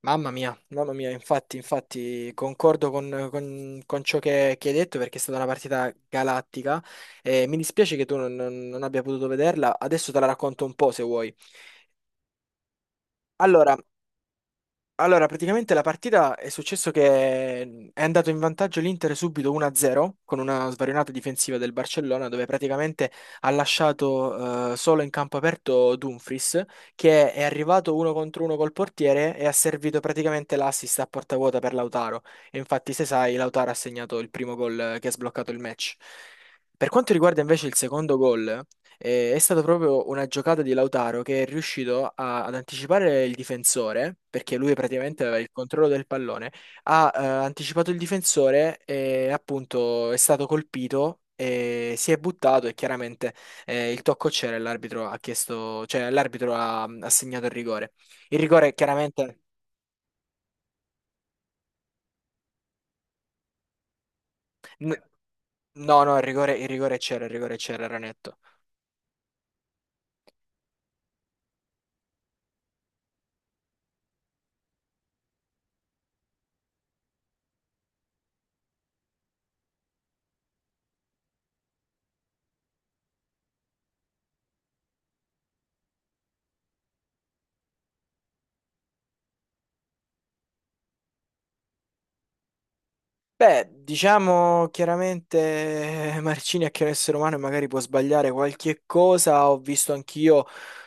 Mamma mia, mamma mia, infatti, concordo con ciò che hai detto perché è stata una partita galattica e mi dispiace che tu non abbia potuto vederla, adesso te la racconto un po' se vuoi. Allora, allora, praticamente la partita è successo che è andato in vantaggio l'Inter subito 1-0 con una svarionata difensiva del Barcellona dove praticamente ha lasciato solo in campo aperto Dumfries che è arrivato uno contro uno col portiere e ha servito praticamente l'assist a porta vuota per Lautaro. E infatti, se sai, Lautaro ha segnato il primo gol che ha sbloccato il match. Per quanto riguarda invece il secondo gol, è stata proprio una giocata di Lautaro che è riuscito ad anticipare il difensore, perché lui praticamente aveva il controllo del pallone, ha anticipato il difensore e appunto è stato colpito e si è buttato e chiaramente il tocco c'era e l'arbitro ha chiesto, cioè l'arbitro ha segnato il rigore. Il rigore chiaramente. n- No, no, il rigore c'era, era netto. Beh, diciamo chiaramente Marcini è che è un essere umano e magari può sbagliare qualche cosa. Ho visto anch'io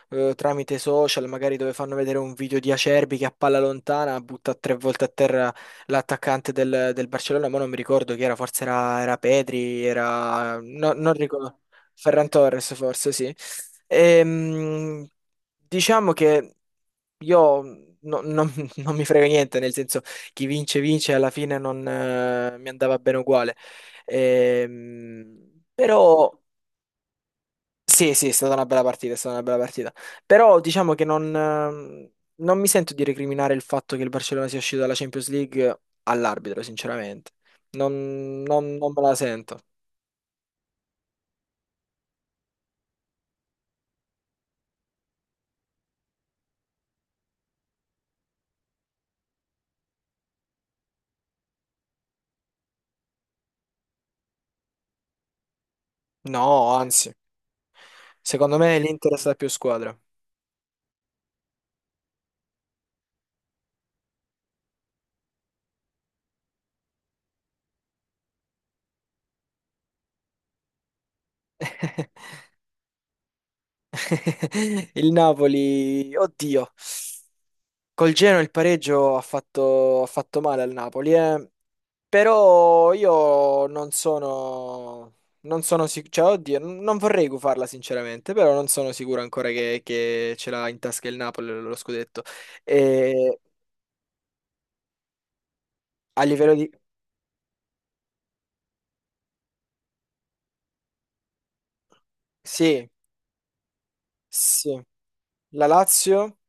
tramite social, magari dove fanno vedere un video di Acerbi che a palla lontana butta tre volte a terra l'attaccante del Barcellona, ma non mi ricordo chi era, forse era Pedri, era... no- non ricordo, Ferran Torres forse, sì. Ehm, diciamo che io non non mi frega niente, nel senso chi vince vince, alla fine non mi andava bene uguale. Però sì, sì, è stata una bella partita, è stata una bella partita. Però diciamo che non mi sento di recriminare il fatto che il Barcellona sia uscito dalla Champions League all'arbitro, sinceramente. Non me la sento. No, anzi, secondo me l'Inter è stata più squadra. Il Napoli, oddio. Col Genoa il pareggio ha fatto male al Napoli. Eh. Però io non sono sicuro, cioè oddio, non vorrei gufarla sinceramente, però non sono sicuro ancora che ce l'ha in tasca il Napoli lo scudetto. E a livello di... Sì, sì, la Lazio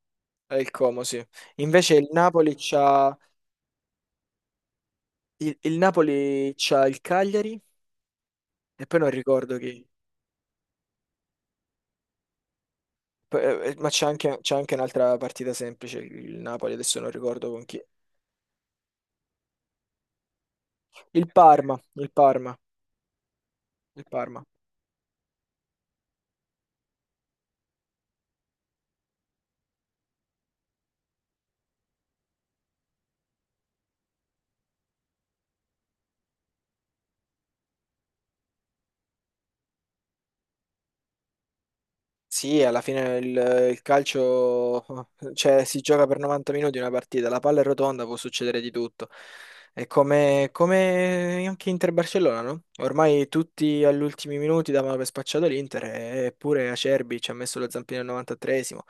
e il Como, sì. Invece il Napoli c'ha il Cagliari e poi non ricordo chi. Poi, ma c'è anche un'altra partita semplice, il Napoli, adesso non ricordo con chi. Il Parma, il Parma, il Parma. Sì, alla fine il calcio, cioè, si gioca per 90 minuti una partita, la palla è rotonda, può succedere di tutto. È come anche Inter-Barcellona, no? Ormai tutti agli ultimi minuti davano per spacciato l'Inter, eppure Acerbi ci ha messo lo zampino al 93esimo.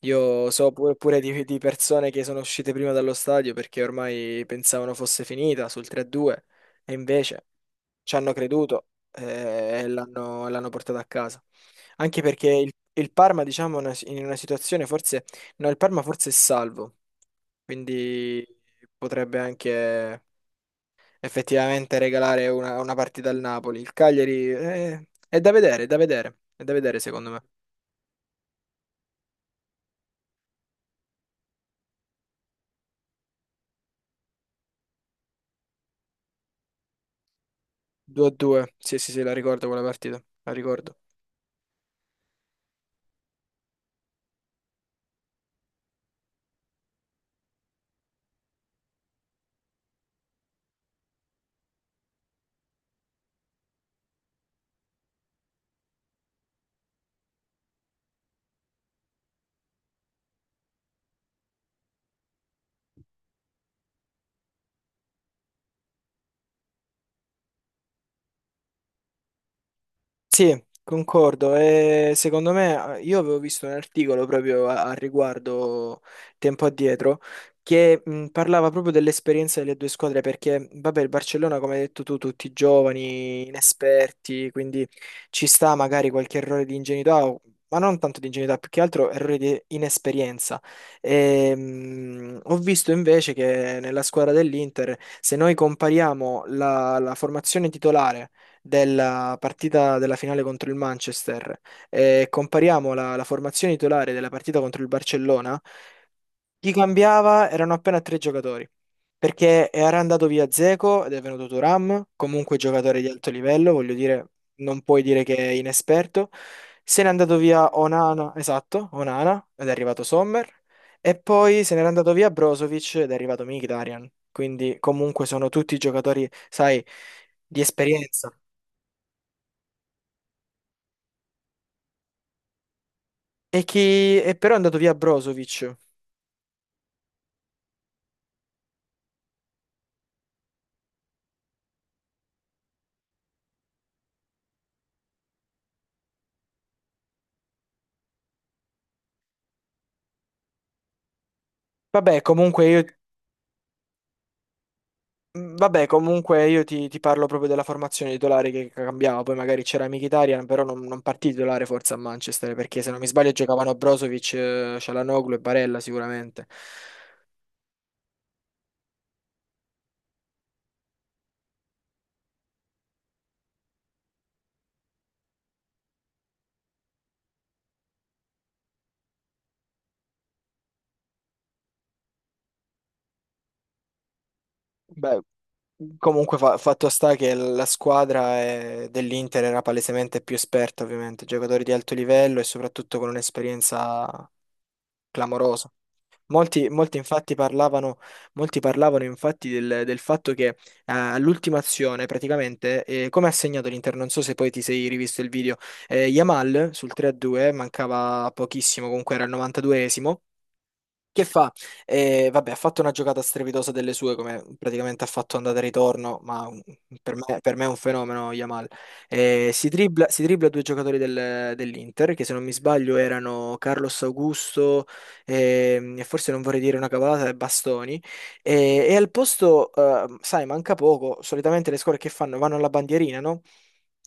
Io so pure di persone che sono uscite prima dallo stadio perché ormai pensavano fosse finita sul 3-2, e invece ci hanno creduto e l'hanno portato a casa. Anche perché il Parma, diciamo, è in una situazione forse. No, il Parma forse è salvo, quindi potrebbe anche effettivamente regalare una partita al Napoli. Il Cagliari è da vedere, è da vedere, è da vedere secondo me. 2-2, sì, sì, sì, la ricordo quella partita, la ricordo. Sì, concordo. E secondo me, io avevo visto un articolo proprio a riguardo tempo addietro che parlava proprio dell'esperienza delle due squadre perché, vabbè, il Barcellona, come hai detto tu, tutti giovani, inesperti, quindi ci sta magari qualche errore di ingenuità, ma non tanto di ingenuità, più che altro errore di inesperienza. E, ho visto invece che nella squadra dell'Inter, se noi compariamo la formazione titolare della partita della finale contro il Manchester e compariamo la formazione titolare della partita contro il Barcellona, chi cambiava erano appena tre giocatori. Perché era andato via Dzeko ed è venuto Thuram, comunque giocatore di alto livello, voglio dire, non puoi dire che è inesperto. Se n'è andato via Onana, esatto, Onana, ed è arrivato Sommer. E poi se n'era andato via Brozovic ed è arrivato Mkhitaryan. Quindi comunque sono tutti giocatori, sai, di esperienza. E che e però è andato via Brozovic. Vabbè, comunque io, vabbè, comunque io ti parlo proprio della formazione titolare che cambiava. Poi magari c'era Mkhitaryan, però non partì titolare forse a Manchester, perché se non mi sbaglio giocavano Brozovic, Cialanoglu e Barella sicuramente. Beh, comunque fatto sta che la squadra dell'Inter era palesemente più esperta, ovviamente, giocatori di alto livello e soprattutto con un'esperienza clamorosa. Molti, molti infatti parlavano, molti parlavano infatti del fatto che all'ultima azione praticamente, come ha segnato l'Inter, non so se poi ti sei rivisto il video, Yamal sul 3-2, mancava pochissimo, comunque era il 92esimo, che fa? Vabbè, ha fatto una giocata strepitosa delle sue, come praticamente ha fatto andata e ritorno, per me è un fenomeno Yamal. Si dribbla due giocatori dell'Inter, che se non mi sbaglio erano Carlos Augusto e forse non vorrei dire una cavolata, e Bastoni. E al posto, sai, manca poco, solitamente le squadre che fanno? Vanno alla bandierina, no?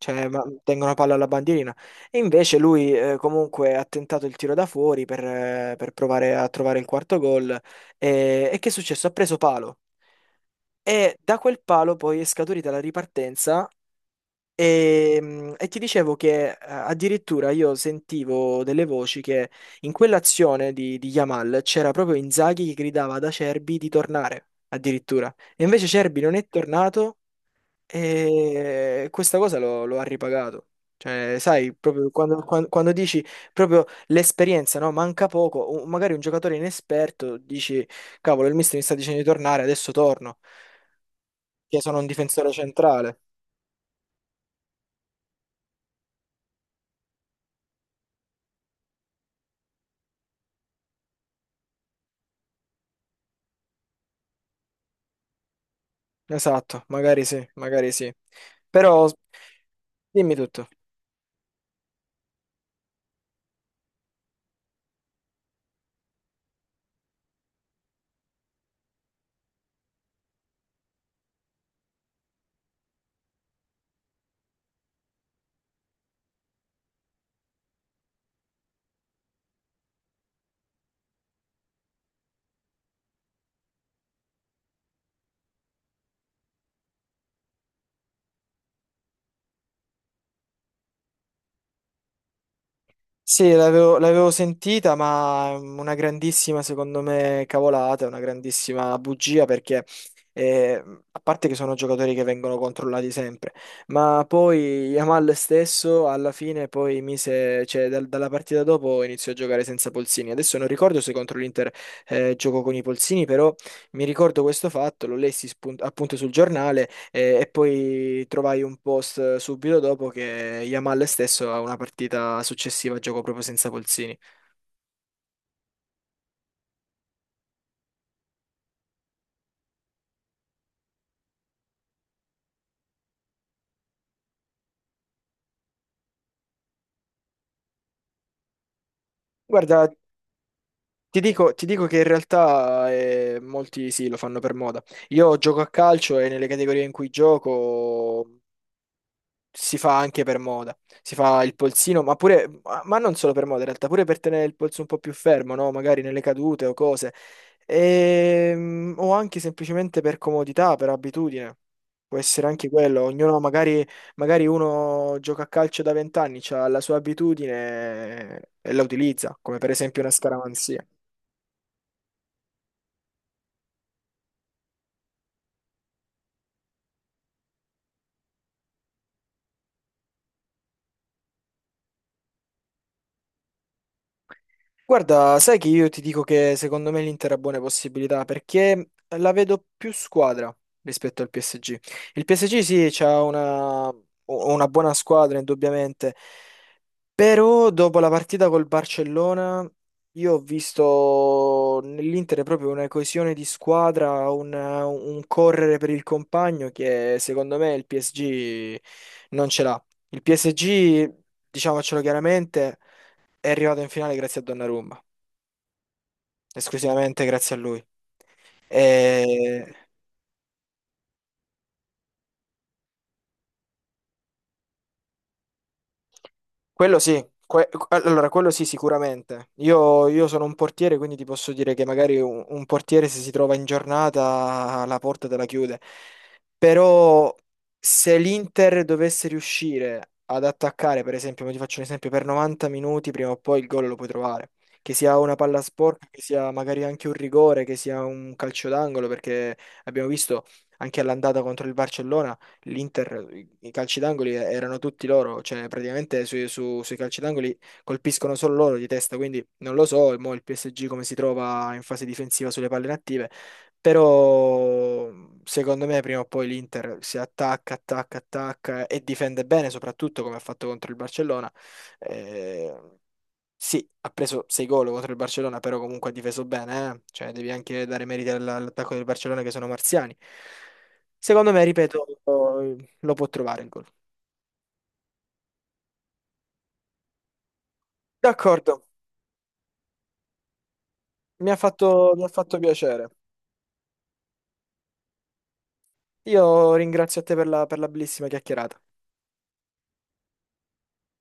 Cioè, tengono palla alla bandierina. E invece lui comunque ha tentato il tiro da fuori per provare a trovare il quarto gol. E che è successo? Ha preso palo. E da quel palo poi è scaturita la ripartenza. E ti dicevo che addirittura io sentivo delle voci che in quell'azione di Yamal c'era proprio Inzaghi che gridava ad Acerbi di tornare, addirittura. E invece Acerbi non è tornato e questa cosa lo ha ripagato. Cioè, sai, proprio quando dici proprio l'esperienza, no? Manca poco, o magari un giocatore inesperto dici, cavolo, il mister mi sta dicendo di tornare, adesso torno, che sono un difensore centrale. Esatto, magari sì, magari sì. Però dimmi tutto. Sì, l'avevo sentita, ma è una grandissima, secondo me, cavolata, una grandissima bugia perché, eh, a parte che sono giocatori che vengono controllati sempre, ma poi Yamal stesso alla fine poi mise, cioè dalla partita dopo iniziò a giocare senza polsini. Adesso non ricordo se contro l'Inter giocò con i polsini, però mi ricordo questo fatto, lo lessi appunto sul giornale e, poi trovai un post subito dopo che Yamal stesso ha una partita successiva giocò proprio senza Polzini. Guarda, ti dico che in realtà molti sì, lo fanno per moda. Io gioco a calcio e nelle categorie in cui gioco si fa anche per moda. Si fa il polsino, ma pure, ma non solo per moda, in realtà, pure per tenere il polso un po' più fermo, no? Magari nelle cadute o cose. O anche semplicemente per comodità, per abitudine. Può essere anche quello. Ognuno, magari uno gioca a calcio da 20 anni, ha la sua abitudine e la utilizza, come per esempio una scaramanzia. Guarda, sai che io ti dico che secondo me l'Inter ha buone possibilità perché la vedo più squadra rispetto al PSG. Il PSG sì, c'ha una buona squadra indubbiamente, però dopo la partita col Barcellona io ho visto nell'Inter proprio una coesione di squadra, un correre per il compagno che secondo me il PSG non ce l'ha. Il PSG, diciamocelo chiaramente, è arrivato in finale grazie a Donnarumma esclusivamente grazie a lui. E allora quello sì, sicuramente. Io sono un portiere, quindi ti posso dire che magari un portiere se si trova in giornata la porta te la chiude. Però se l'Inter dovesse riuscire ad attaccare, per esempio, ti faccio un esempio, per 90 minuti prima o poi il gol lo puoi trovare. Che sia una palla sporca, che sia magari anche un rigore, che sia un calcio d'angolo, perché abbiamo visto anche all'andata contro il Barcellona l'Inter, i calci d'angoli erano tutti loro, cioè praticamente sui calci d'angoli colpiscono solo loro di testa, quindi non lo so, mo il PSG come si trova in fase difensiva sulle palle inattive, però secondo me prima o poi l'Inter si attacca, attacca, attacca e difende bene, soprattutto come ha fatto contro il Barcellona. Eh, sì, ha preso 6 gol contro il Barcellona, però comunque ha difeso bene, eh. Cioè, devi anche dare meriti all'attacco del Barcellona che sono marziani. Secondo me, ripeto, lo può trovare il gol. D'accordo, mi ha fatto piacere. Io ringrazio a te per la bellissima chiacchierata.